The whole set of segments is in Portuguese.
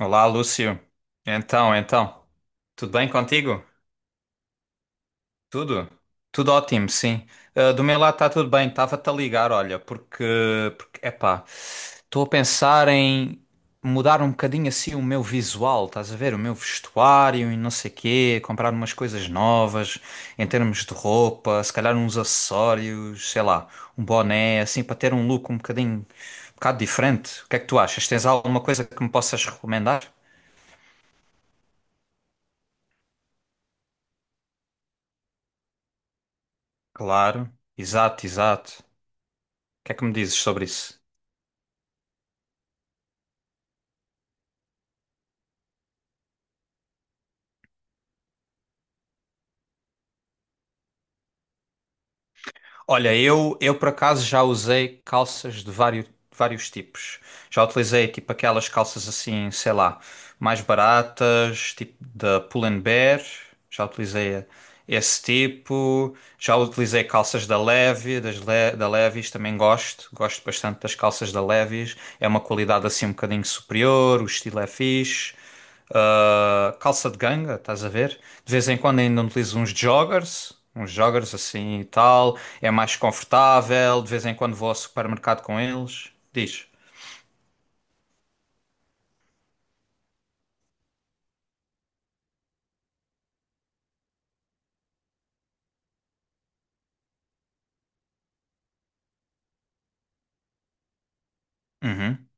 Olá, Lúcio. Então, então, tudo bem contigo? Tudo? Tudo ótimo, sim. Ah, do meu lado está tudo bem. Estava-te a ligar, olha, porque epá, estou a pensar em mudar um bocadinho assim o meu visual, estás a ver? O meu vestuário e não sei quê, comprar umas coisas novas em termos de roupa, se calhar uns acessórios, sei lá, um boné, assim, para ter um look um bocadinho, um bocado diferente. O que é que tu achas? Tens alguma coisa que me possas recomendar? Claro, exato, exato. O que é que me dizes sobre isso? Olha, eu por acaso já usei calças de vários, vários tipos. Já utilizei tipo aquelas calças assim, sei lá, mais baratas, tipo da Pull&Bear. Já utilizei esse tipo. Já utilizei calças da Levi, da Levi's também gosto. Gosto bastante das calças da Levi's. É uma qualidade assim um bocadinho superior, o estilo é fixe. Ah, calça de ganga, estás a ver? De vez em quando ainda utilizo uns joggers assim e tal. É mais confortável. De vez em quando vou ao supermercado com eles. Diz. Uhum,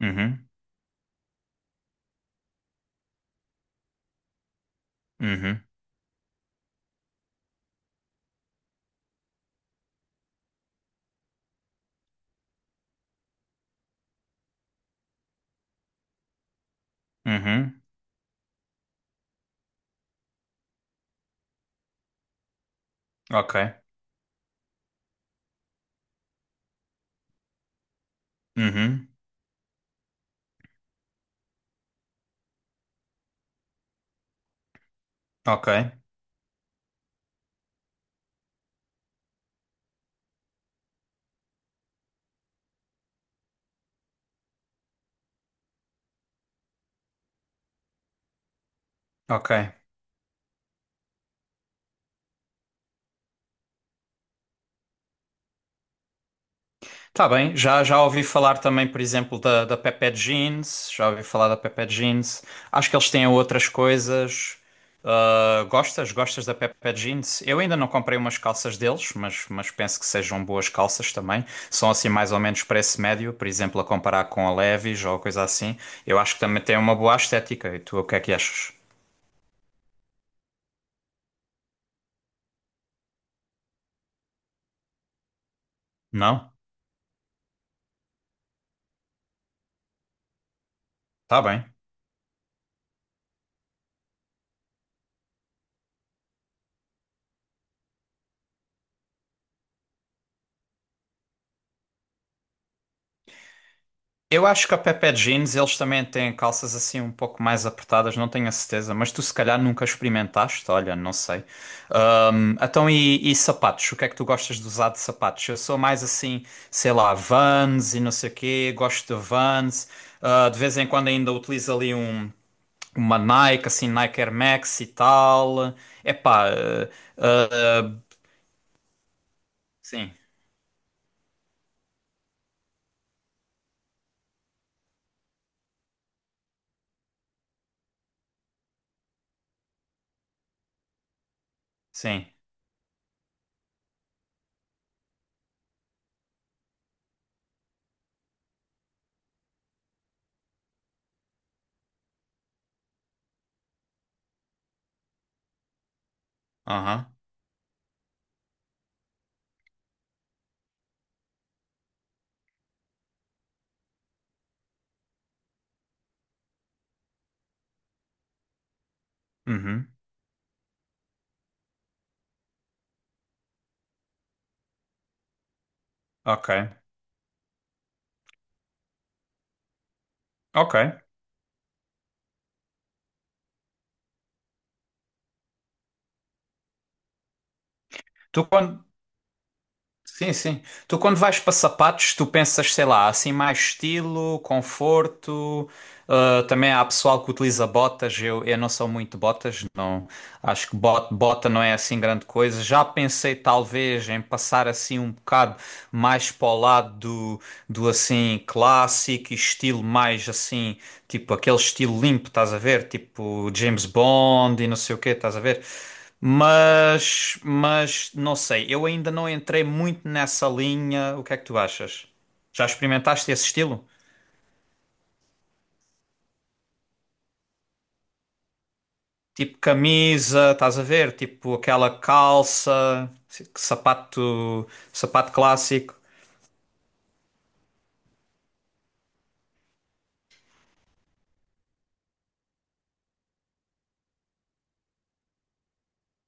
uhum, uhum, uhum, ok, uhum, ok, ok. Tá bem, já, já ouvi falar também, por exemplo, da Pepe Jeans, já ouvi falar da Pepe Jeans. Acho que eles têm outras coisas. Ah, gostas? Gostas da Pepe Jeans? Eu ainda não comprei umas calças deles, mas penso que sejam boas calças também. São assim mais ou menos preço médio, por exemplo, a comparar com a Levi's ou coisa assim. Eu acho que também tem uma boa estética. E tu, o que é que achas? Não? Tá bem. Eu acho que a Pepe Jeans eles também têm calças assim um pouco mais apertadas, não tenho a certeza, mas tu se calhar nunca experimentaste, olha, não sei. Então e sapatos? O que é que tu gostas de usar de sapatos? Eu sou mais assim, sei lá, Vans e não sei o quê, gosto de Vans. Ah, de vez em quando ainda utilizo ali um, uma Nike, assim, Nike Air Max e tal. Epá, ah, ah, sim, sim, aham, uhum, ok, ok. Tu quando sim, sim. Tu quando vais para sapatos, tu pensas, sei lá, assim mais estilo, conforto. Ah, também há pessoal que utiliza botas. Eu não sou muito de botas, não. Acho que bota não é assim grande coisa. Já pensei talvez em passar assim um bocado mais para o lado do assim clássico, e estilo mais assim. Tipo, aquele estilo limpo, estás a ver? Tipo, James Bond e não sei o quê, estás a ver? Não sei, eu ainda não entrei muito nessa linha. O que é que tu achas? Já experimentaste esse estilo? Tipo camisa, estás a ver? Tipo aquela calça, sapato, sapato clássico.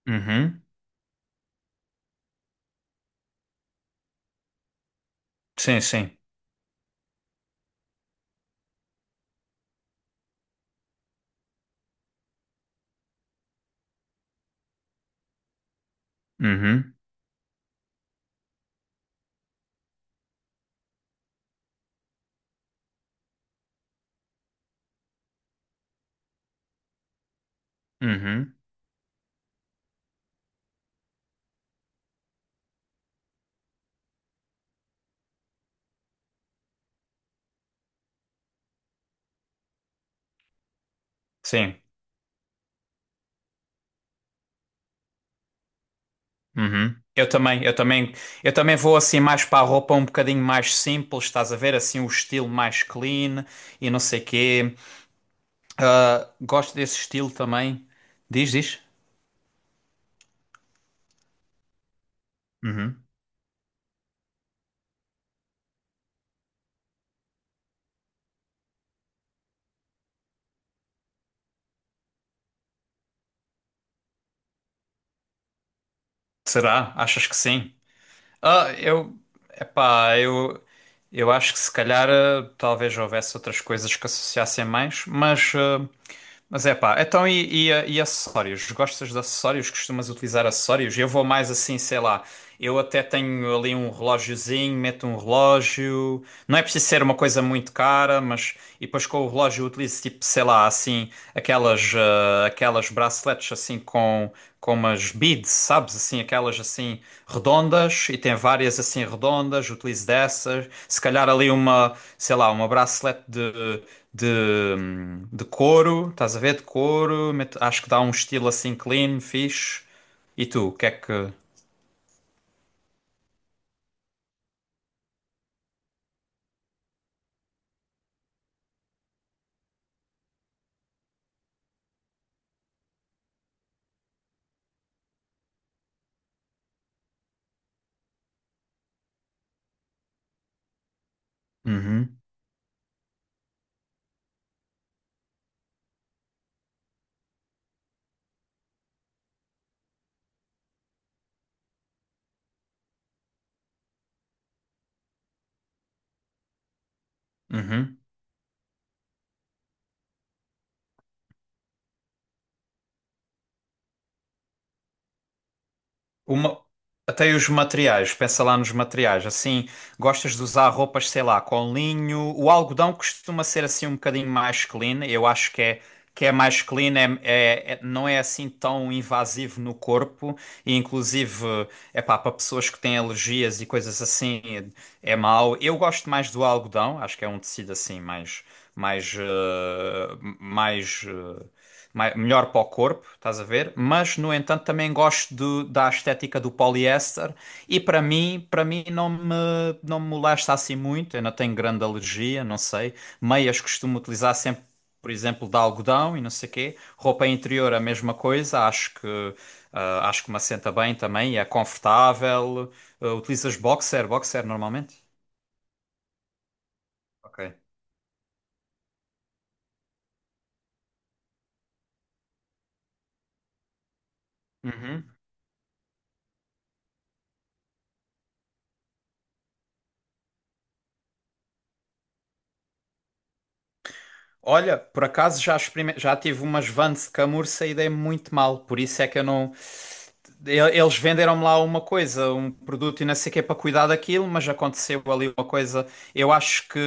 Uhum. Sim, sim. Uhum. Uhum. Sim. Uhum. Eu também vou assim mais para a roupa um bocadinho mais simples, estás a ver? Assim o estilo mais clean e não sei quê. Ah, gosto desse estilo também. Diz, diz. Uhum. Será? Achas que sim? Ah, eu, epá, eu, eu acho que se calhar talvez houvesse outras coisas que associassem mais, mas ah. Mas é pá, então e acessórios? Gostas de acessórios? Costumas utilizar acessórios? Eu vou mais assim, sei lá, eu até tenho ali um relógiozinho, meto um relógio, não é preciso ser uma coisa muito cara, mas. E depois com o relógio eu utilizo tipo, sei lá, assim, aquelas, aquelas braceletes assim com umas beads, sabes? Assim, aquelas assim redondas e tem várias assim redondas, utilizo dessas. Se calhar ali uma, sei lá, uma bracelete de, de couro, estás a ver? De couro, meto- acho que dá um estilo assim clean, fixe. E tu, o que é que. Uhum, uhum. Uma... Até os materiais, pensa lá nos materiais. Assim, gostas de usar roupas, sei lá, com linho. O algodão costuma ser assim um bocadinho mais clean. Eu acho que é mais clean, não é assim tão invasivo no corpo. E inclusive, é pá, para pessoas que têm alergias e coisas assim, é mau. Eu gosto mais do algodão, acho que é um tecido assim mais, eh, mais eh, melhor para o corpo, estás a ver? Mas, no entanto, também gosto da estética do poliéster e para mim não me molesta assim muito, eu não tenho grande alergia, não sei. Meias costumo utilizar sempre, por exemplo, de algodão e não sei quê. Roupa interior a mesma coisa, acho que acho que me assenta bem também, é confortável. Ah, utilizas boxer normalmente? Ok. Uhum. Olha, por acaso já, já tive umas Vans de camurça e dei muito mal, por isso é que eu não, eles venderam-me lá uma coisa, um produto e não sei o que é para cuidar daquilo, mas aconteceu ali uma coisa. Eu acho que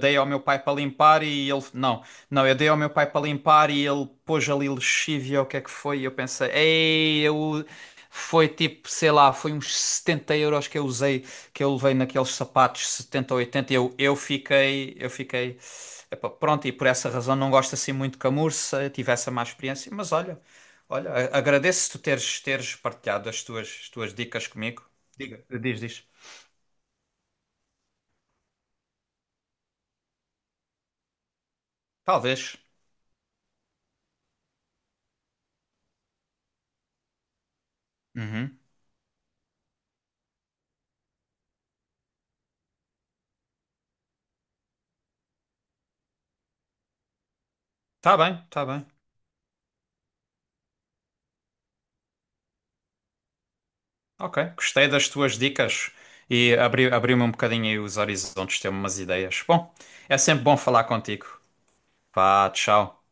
dei ao meu pai para limpar e ele. Não, não, eu dei ao meu pai para limpar e ele pôs ali lexívia, o que é que foi? E eu pensei, ei, eu. Foi tipo, sei lá, foi uns 70 euros que eu usei, que eu levei naqueles sapatos, 70 ou 80. Eu fiquei. Epá, pronto, e por essa razão não gosto assim muito de camurça, tive essa má experiência, mas olha. Olha, agradeço teres partilhado as tuas dicas comigo. Diga, diz, diz. Talvez. Uhum. Tá bem. Ok, gostei das tuas dicas e abriu-me um bocadinho aí os horizontes, ter umas ideias. Bom, é sempre bom falar contigo. Vá, tchau.